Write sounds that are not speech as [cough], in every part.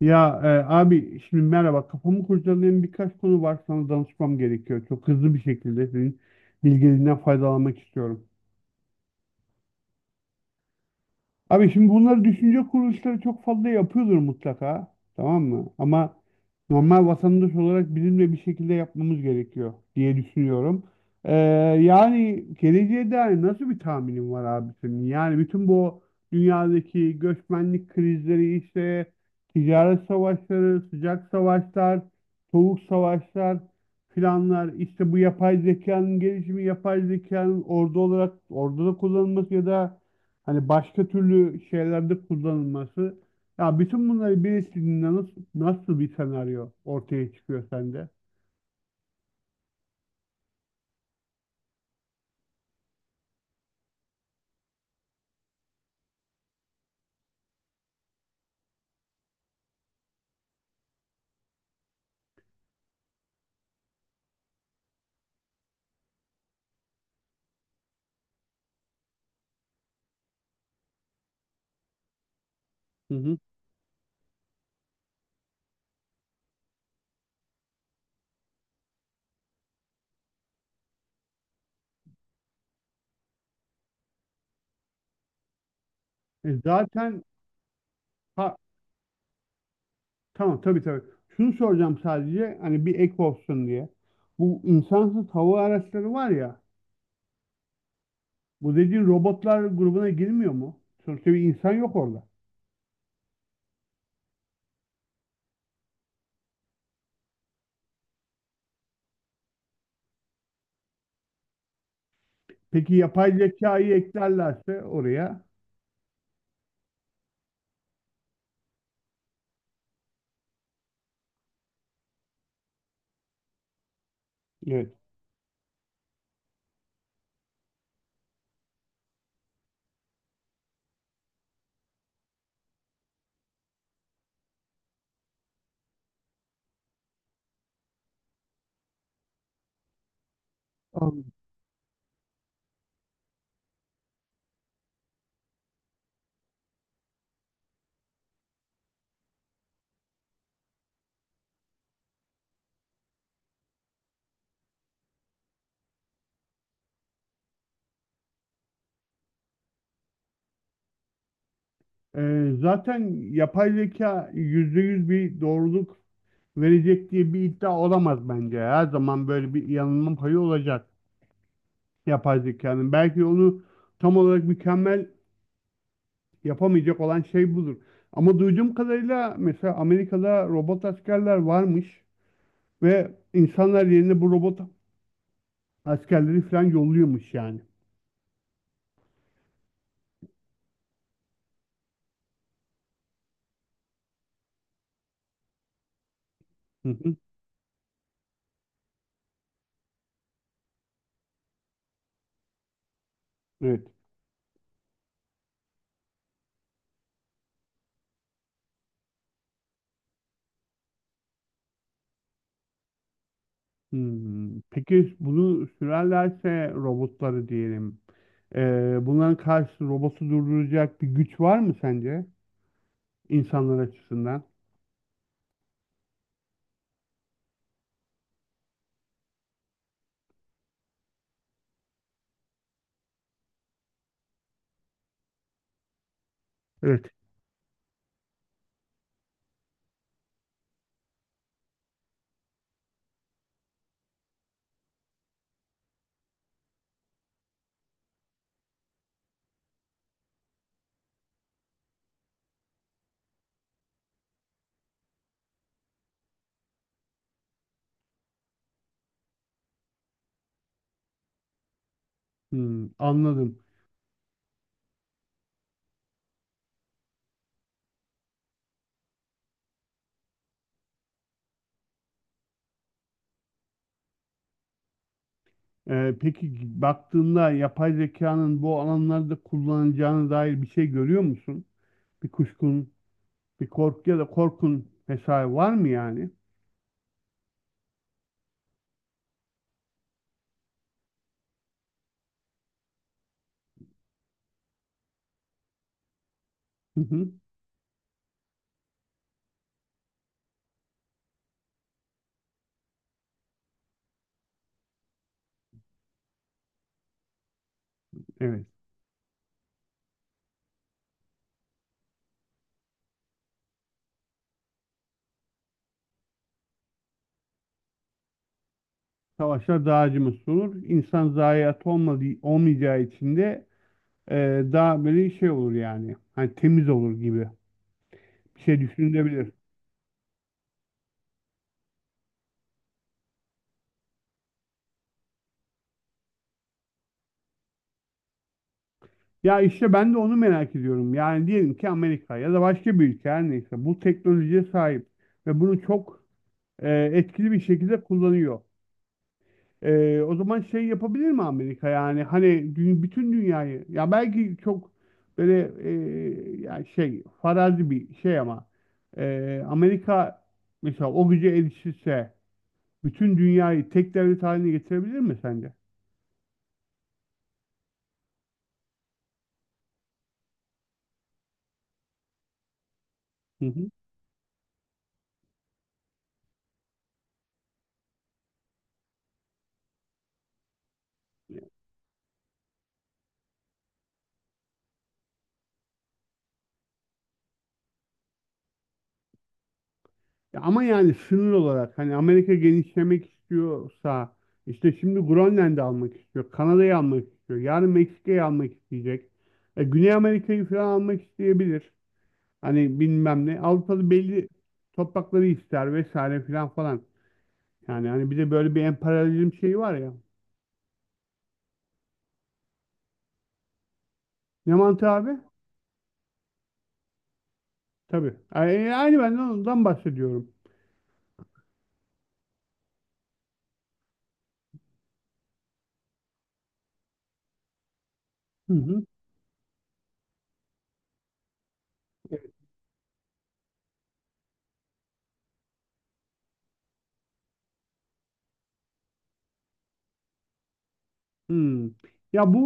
Ya, abi şimdi merhaba kafamı kurcalayan birkaç konu var sana danışmam gerekiyor. Çok hızlı bir şekilde senin bilgilerinden faydalanmak istiyorum. Abi şimdi bunları düşünce kuruluşları çok fazla yapıyordur mutlaka. Tamam mı? Ama normal vatandaş olarak bizim de bir şekilde yapmamız gerekiyor diye düşünüyorum. Ee, Yani geleceğe dair nasıl bir tahminin var abi senin? Yani bütün bu dünyadaki göçmenlik krizleri, işte ticaret savaşları, sıcak savaşlar, soğuk savaşlar filanlar, işte bu yapay zekanın gelişimi, yapay zekanın ordu olarak orduda kullanılması ya da hani başka türlü şeylerde kullanılması. Ya bütün bunları birleştirdiğinde nasıl bir senaryo ortaya çıkıyor sende? Hı hı. E zaten ha, tamam, tabii tabii. Şunu soracağım sadece hani bir ek olsun diye. Bu insansız hava araçları var ya, bu dediğin robotlar grubuna girmiyor mu? Sonuçta bir insan yok orada. Peki yapay zekayı eklerlerse oraya? Evet. Anladım. Zaten yapay zeka %100 bir doğruluk verecek diye bir iddia olamaz bence. Her zaman böyle bir yanılma payı olacak yapay zekanın. Belki onu tam olarak mükemmel yapamayacak olan şey budur. Ama duyduğum kadarıyla mesela Amerika'da robot askerler varmış ve insanlar yerine bu robot askerleri falan yolluyormuş yani. Hı hı, evet. Peki bunu sürerlerse robotları diyelim. Bunların karşı robotu durduracak bir güç var mı sence insanlar açısından? Evet. Anladım. Peki baktığında yapay zekanın bu alanlarda kullanacağına dair bir şey görüyor musun? Bir kuşkun, bir korku ya da korkun vesaire var mı yani? Hı hı, evet. Savaşlar dağcımız olur. İnsan zayiat olmadığı, olmayacağı için de daha böyle şey olur yani. Hani temiz olur gibi bir şey düşünülebilir. Ya işte ben de onu merak ediyorum. Yani diyelim ki Amerika ya da başka bir ülke her neyse bu teknolojiye sahip ve bunu çok etkili bir şekilde kullanıyor. O zaman şey yapabilir mi Amerika, yani hani bütün dünyayı, ya belki çok böyle yani şey farazi bir şey, ama Amerika mesela o güce erişirse bütün dünyayı tek devlet haline getirebilir mi sence? Hı hı. Ya ama yani sınır olarak hani Amerika genişlemek istiyorsa, işte şimdi Grönland'ı almak istiyor, Kanada'yı almak istiyor, yarın Meksika'yı almak isteyecek. Güney Amerika'yı falan almak isteyebilir. Hani bilmem ne. Avrupa'da belli toprakları ister vesaire filan falan. Yani hani bir de böyle bir emperyalizm şeyi var ya. Ne mantığı abi? Tabii. Aynı ben de ondan bahsediyorum. Hı hı. Hmm. Ya bu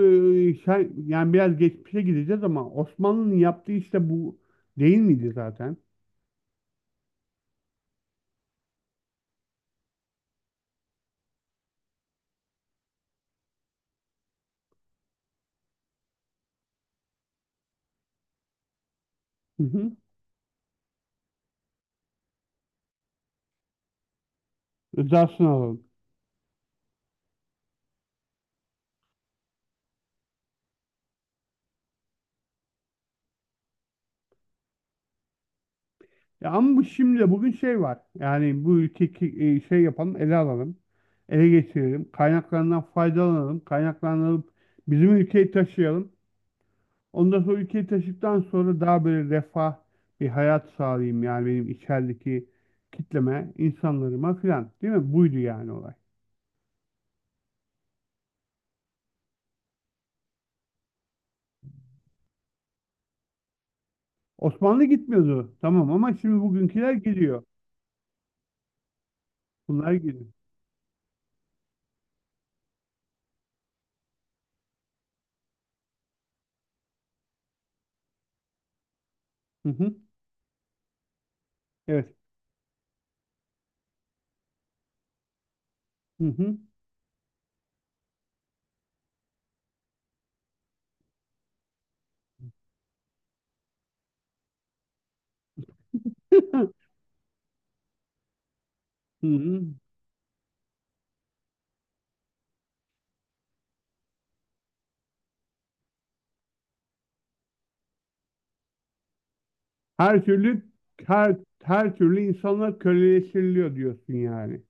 yani biraz geçmişe gideceğiz ama Osmanlı'nın yaptığı işte bu değil miydi zaten? Hı hı. Rızasını alalım. Ya ama bu şimdi bugün şey var. Yani bu ülkeyi şey yapalım, ele alalım. Ele geçirelim. Kaynaklarından faydalanalım. Kaynaklanıp bizim ülkeyi taşıyalım. Ondan sonra ülkeyi taşıdıktan sonra daha böyle refah bir hayat sağlayayım. Yani benim içerideki kitleme, insanlarıma filan. Değil mi? Buydu yani olay. Osmanlı gitmiyordu. Tamam ama şimdi bugünküler gidiyor. Bunlar gidiyor. Hı hı. Evet. Hı hı. [laughs] Hı hı. Her türlü her her türlü insanlar köleleştiriliyor diyorsun yani.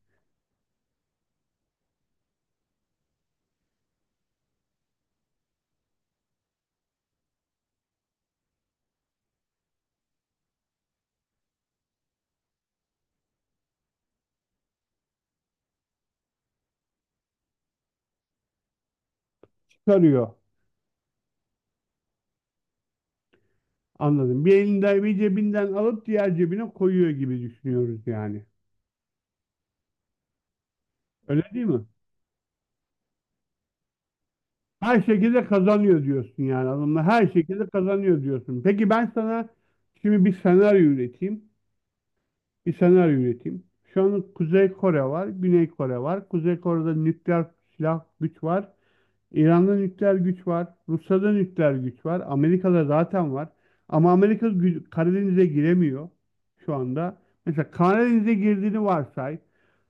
Çıkarıyor. Anladım. Bir elinden bir cebinden alıp diğer cebine koyuyor gibi düşünüyoruz yani. Öyle değil mi? Her şekilde kazanıyor diyorsun yani adamlar. Her şekilde kazanıyor diyorsun. Peki ben sana şimdi bir senaryo üreteyim. Bir senaryo üreteyim. Şu an Kuzey Kore var, Güney Kore var. Kuzey Kore'de nükleer silah güç var. İran'da nükleer güç var. Rusya'da nükleer güç var. Amerika'da zaten var. Ama Amerika Karadeniz'e giremiyor şu anda. Mesela Karadeniz'e girdiğini varsay.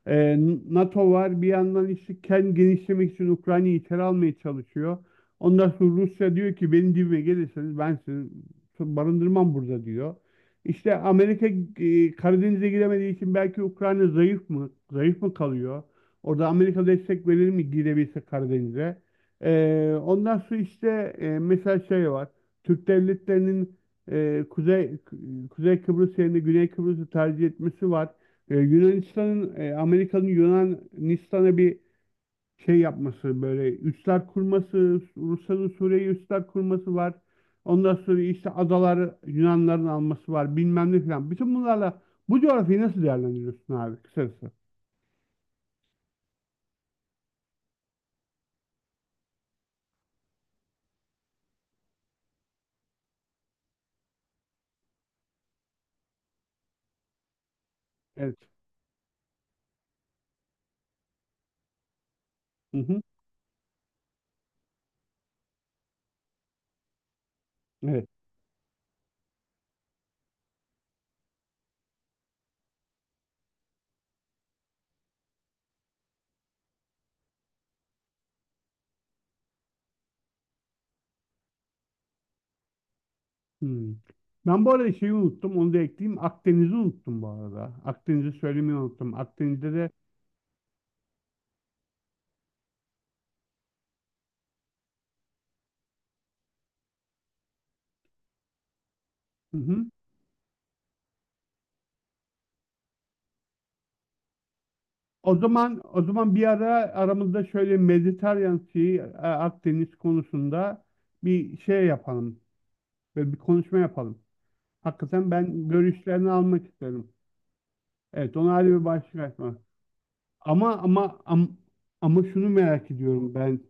Ee, NATO var. Bir yandan işte kendi genişlemek için Ukrayna'yı içeri almaya çalışıyor. Ondan sonra Rusya diyor ki benim dibime gelirseniz ben sizi barındırmam burada diyor. İşte Amerika Karadeniz'e giremediği için belki Ukrayna zayıf mı? Zayıf mı kalıyor? Orada Amerika destek verir mi girebilse Karadeniz'e? Ondan sonra işte mesela şey var. Türk devletlerinin e, Kuzey Kuzey Kıbrıs yerine Güney Kıbrıs'ı tercih etmesi var. Yunanistan'ın Amerika'nın Yunanistan'a bir şey yapması, böyle üsler kurması, Rusya'nın Suriye'ye üsler kurması var. Ondan sonra işte adalar Yunanların alması var, bilmem ne filan. Bütün bunlarla bu coğrafyayı nasıl değerlendiriyorsun abi kısacası? Evet. Hı hı. Evet. Hmm. Ben bu arada şeyi unuttum, onu da ekleyeyim. Akdeniz'i unuttum bu arada. Akdeniz'i söylemeyi unuttum. Akdeniz'de de hı hı. O zaman bir ara aramızda şöyle Mediterranean Sea, Akdeniz konusunda bir şey yapalım. Böyle bir konuşma yapalım. Hakikaten ben görüşlerini almak isterim. Evet, ona ayrı bir başlık açma. Ama ama ama, ama şunu merak ediyorum ben.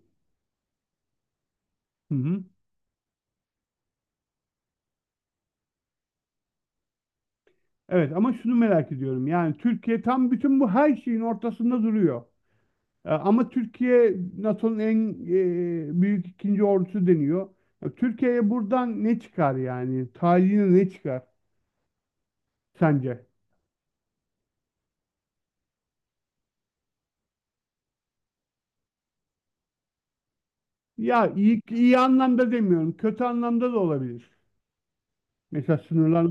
Hı hı. Evet, ama şunu merak ediyorum. Yani Türkiye tam bütün bu her şeyin ortasında duruyor. Ama Türkiye NATO'nun en büyük ikinci ordusu deniyor. Ya, Türkiye'ye buradan ne çıkar yani? Tarihine ne çıkar sence? Ya iyi, iyi anlamda demiyorum. Kötü anlamda da olabilir. Mesela sınırlar